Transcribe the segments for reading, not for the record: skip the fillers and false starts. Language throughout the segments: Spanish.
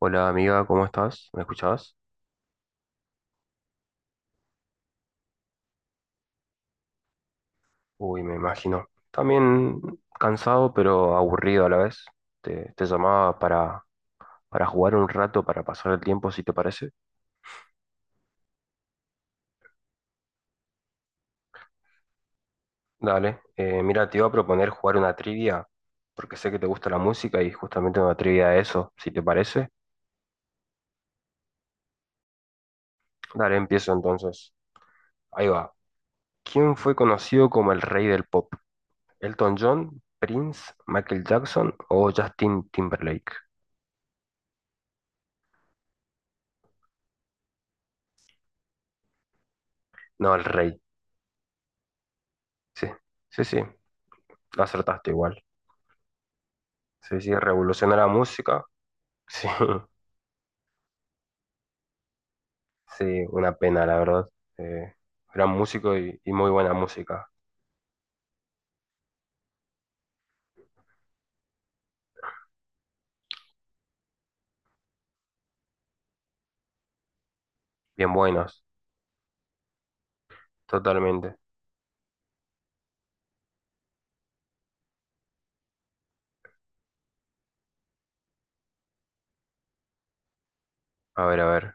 Hola amiga, ¿cómo estás? ¿Me escuchabas? Uy, me imagino. También cansado, pero aburrido a la vez. Te llamaba para jugar un rato, para pasar el tiempo, si te parece. Dale. Mira, te iba a proponer jugar una trivia, porque sé que te gusta la música y justamente una trivia de eso, si te parece. Dale, empiezo entonces. Ahí va. ¿Quién fue conocido como el rey del pop? ¿Elton John, Prince, Michael Jackson o Justin Timberlake? No, el rey. Sí, sí, lo acertaste igual. Sí, sí, revolucionó la música. Sí, sí, una pena, la verdad. Eh, Gran músico y muy buena música. Bien buenos, totalmente. A ver, a ver.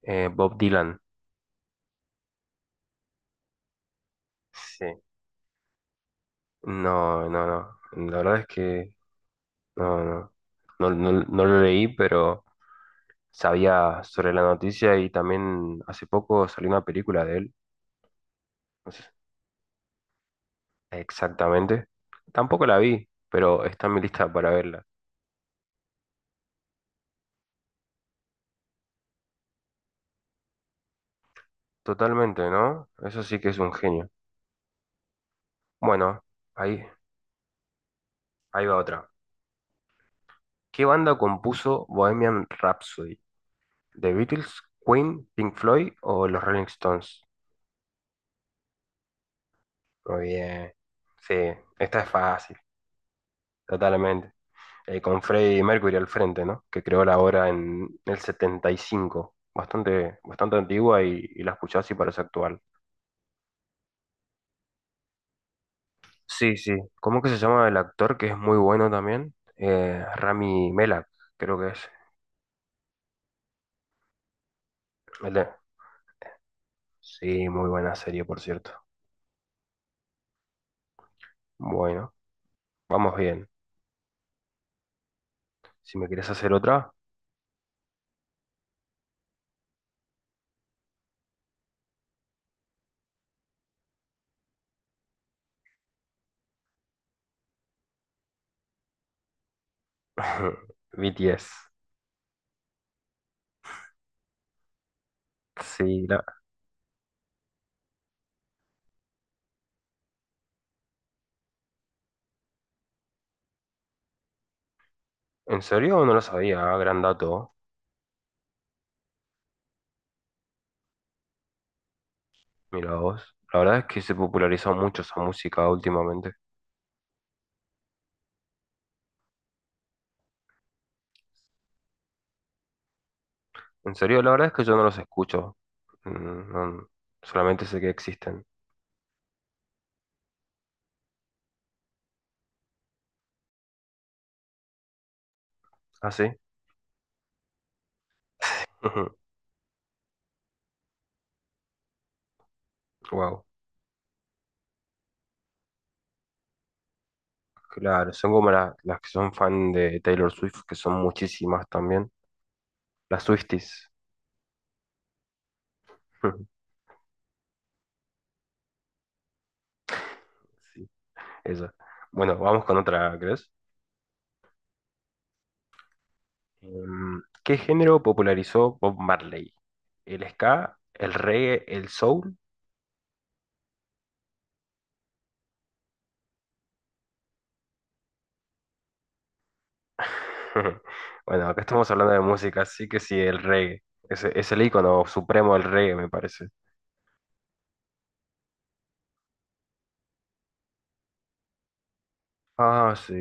Bob Dylan. Sí. No. La verdad es que no, no. No, no lo leí, pero sabía sobre la noticia y también hace poco salió una película de él. No sé exactamente. Tampoco la vi, pero está en mi lista para verla. Totalmente, ¿no? Eso sí que es un genio. Bueno, ahí, ahí va otra. ¿Qué banda compuso Bohemian Rhapsody? ¿The Beatles, Queen, Pink Floyd o los Rolling Stones? Muy bien. Sí, esta es fácil, totalmente. Con Freddie Mercury al frente, ¿no? Que creó la obra en el 75. Bastante, bastante antigua y la escuchás y parece actual. Sí, sí. ¿Cómo que se llama el actor que es muy bueno también? Rami Malek, creo que es. El de- Sí, muy buena serie, por cierto. Bueno. Vamos bien. Si me querés hacer otra... BTS. Sí, ¿En serio? No lo sabía. Gran dato. Mira vos. La verdad es que se popularizó mucho esa música últimamente. En serio, la verdad es que yo no los escucho. Mm, no- solamente sé que existen. ¿Ah, sí? Ujú. Wow. Claro, son como las que son fan de Taylor Swift, que son muchísimas también. Las Swifties. Sí, esa. Bueno, vamos con otra, ¿crees? ¿Qué género popularizó Bob Marley? ¿El ska, el reggae, el soul? Bueno, acá estamos hablando de música, así que sí, el reggae. Es el ícono supremo del reggae, me parece. Ah, sí.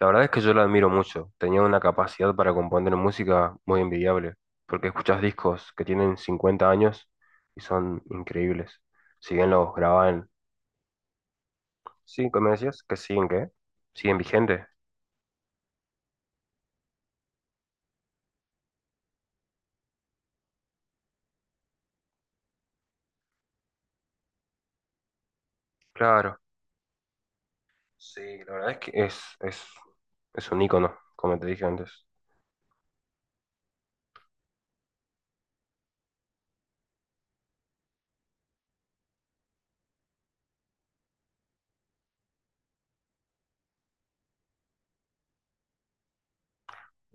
La verdad es que yo lo admiro mucho. Tenía una capacidad para componer música muy envidiable, porque escuchas discos que tienen 50 años y son increíbles. Si bien los graban, sí, ¿cómo decías? Que siguen, ¿qué? Siguen vigentes. Claro. Sí, la verdad es que es un ícono, como te dije antes.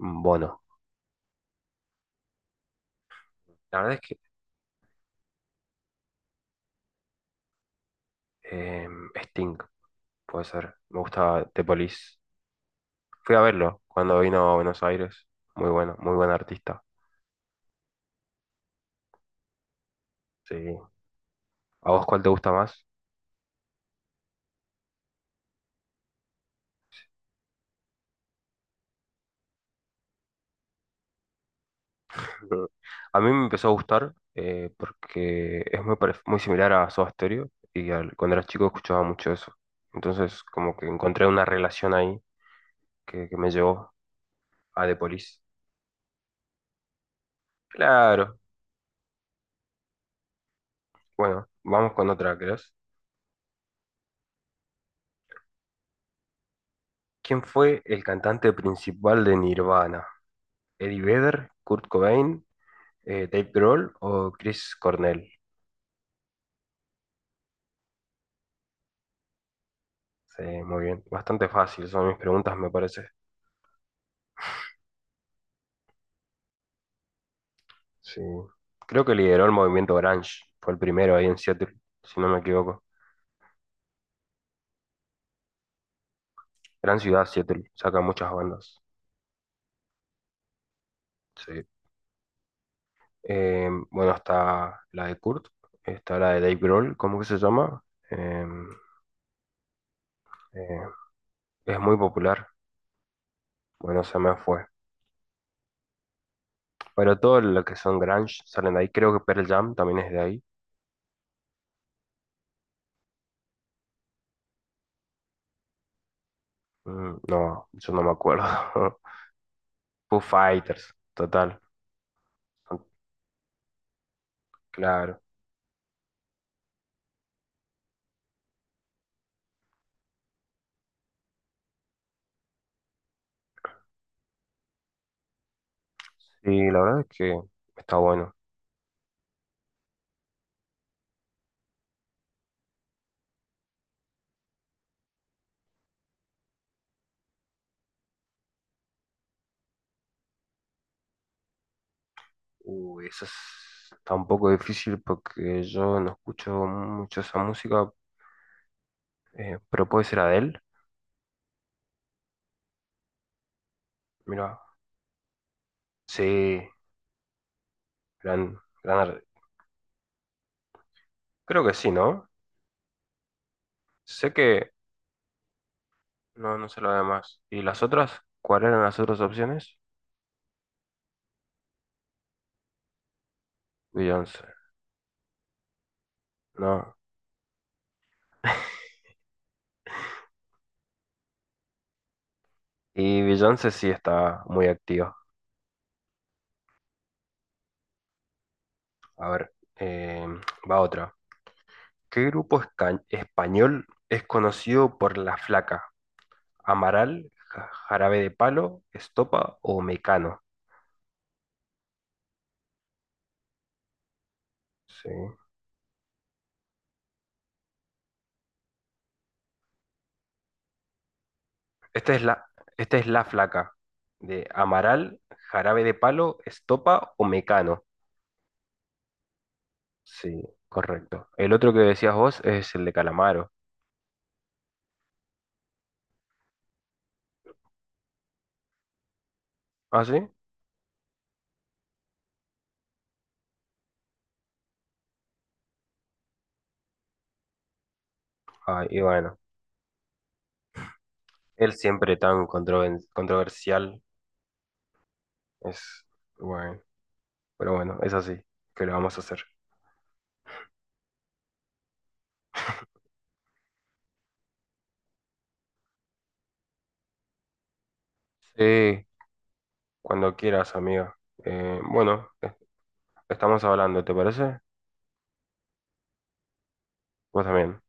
Un bono. La verdad es que eh, Sting, puede ser. Me gusta The Police. Fui a verlo cuando vino a Buenos Aires. Muy bueno, muy buen artista. Sí. ¿A vos cuál te gusta más? A mí me empezó a gustar porque es muy, muy similar a Soda Stereo y cuando era chico escuchaba mucho eso. Entonces, como que encontré una relación ahí que me llevó a The Police. Claro. Bueno, vamos con otra, ¿crees? ¿Quién fue el cantante principal de Nirvana? ¿Eddie Vedder, Kurt Cobain, Dave Grohl o Chris Cornell? Sí, muy bien. Bastante fácil son mis preguntas, me parece. Sí. Creo que lideró el movimiento grunge. Fue el primero ahí en Seattle, si no me equivoco. Gran ciudad, Seattle. Saca muchas bandas. Sí. Bueno, está la de Kurt. Está la de Dave Grohl. ¿Cómo que se llama? Em, eh, es muy popular. Bueno, se me fue. Pero todo lo que son grunge salen de ahí. Creo que Pearl Jam también es de ahí. Mm, no, yo no me acuerdo. Foo Fighters, total. Claro. Sí, la verdad es que está bueno. Uy, está un poco difícil porque yo no escucho mucho esa música, pero puede ser Adele. Mira, sí, gran, gran ar- Creo que sí, ¿no? Sé que no, no sé lo demás. ¿Y las otras? ¿Cuáles eran las otras opciones? Beyoncé. No. Y Beyoncé sí está muy activa. A ver, va otra. ¿Qué grupo español es conocido por La Flaca? ¿Amaral, Jarabe de Palo, Estopa o Mecano? Sí. Esta es esta es La Flaca. De Amaral, Jarabe de Palo, Estopa o Mecano. Sí, correcto. El otro que decías vos es el de Calamaro. ¿Ah, sí? Ah, y bueno. Él siempre tan controversial. Es, bueno. Pero bueno, es así. ¿Qué le vamos a hacer? Sí, cuando quieras, amiga. Bueno, estamos hablando, ¿te parece? Vos también.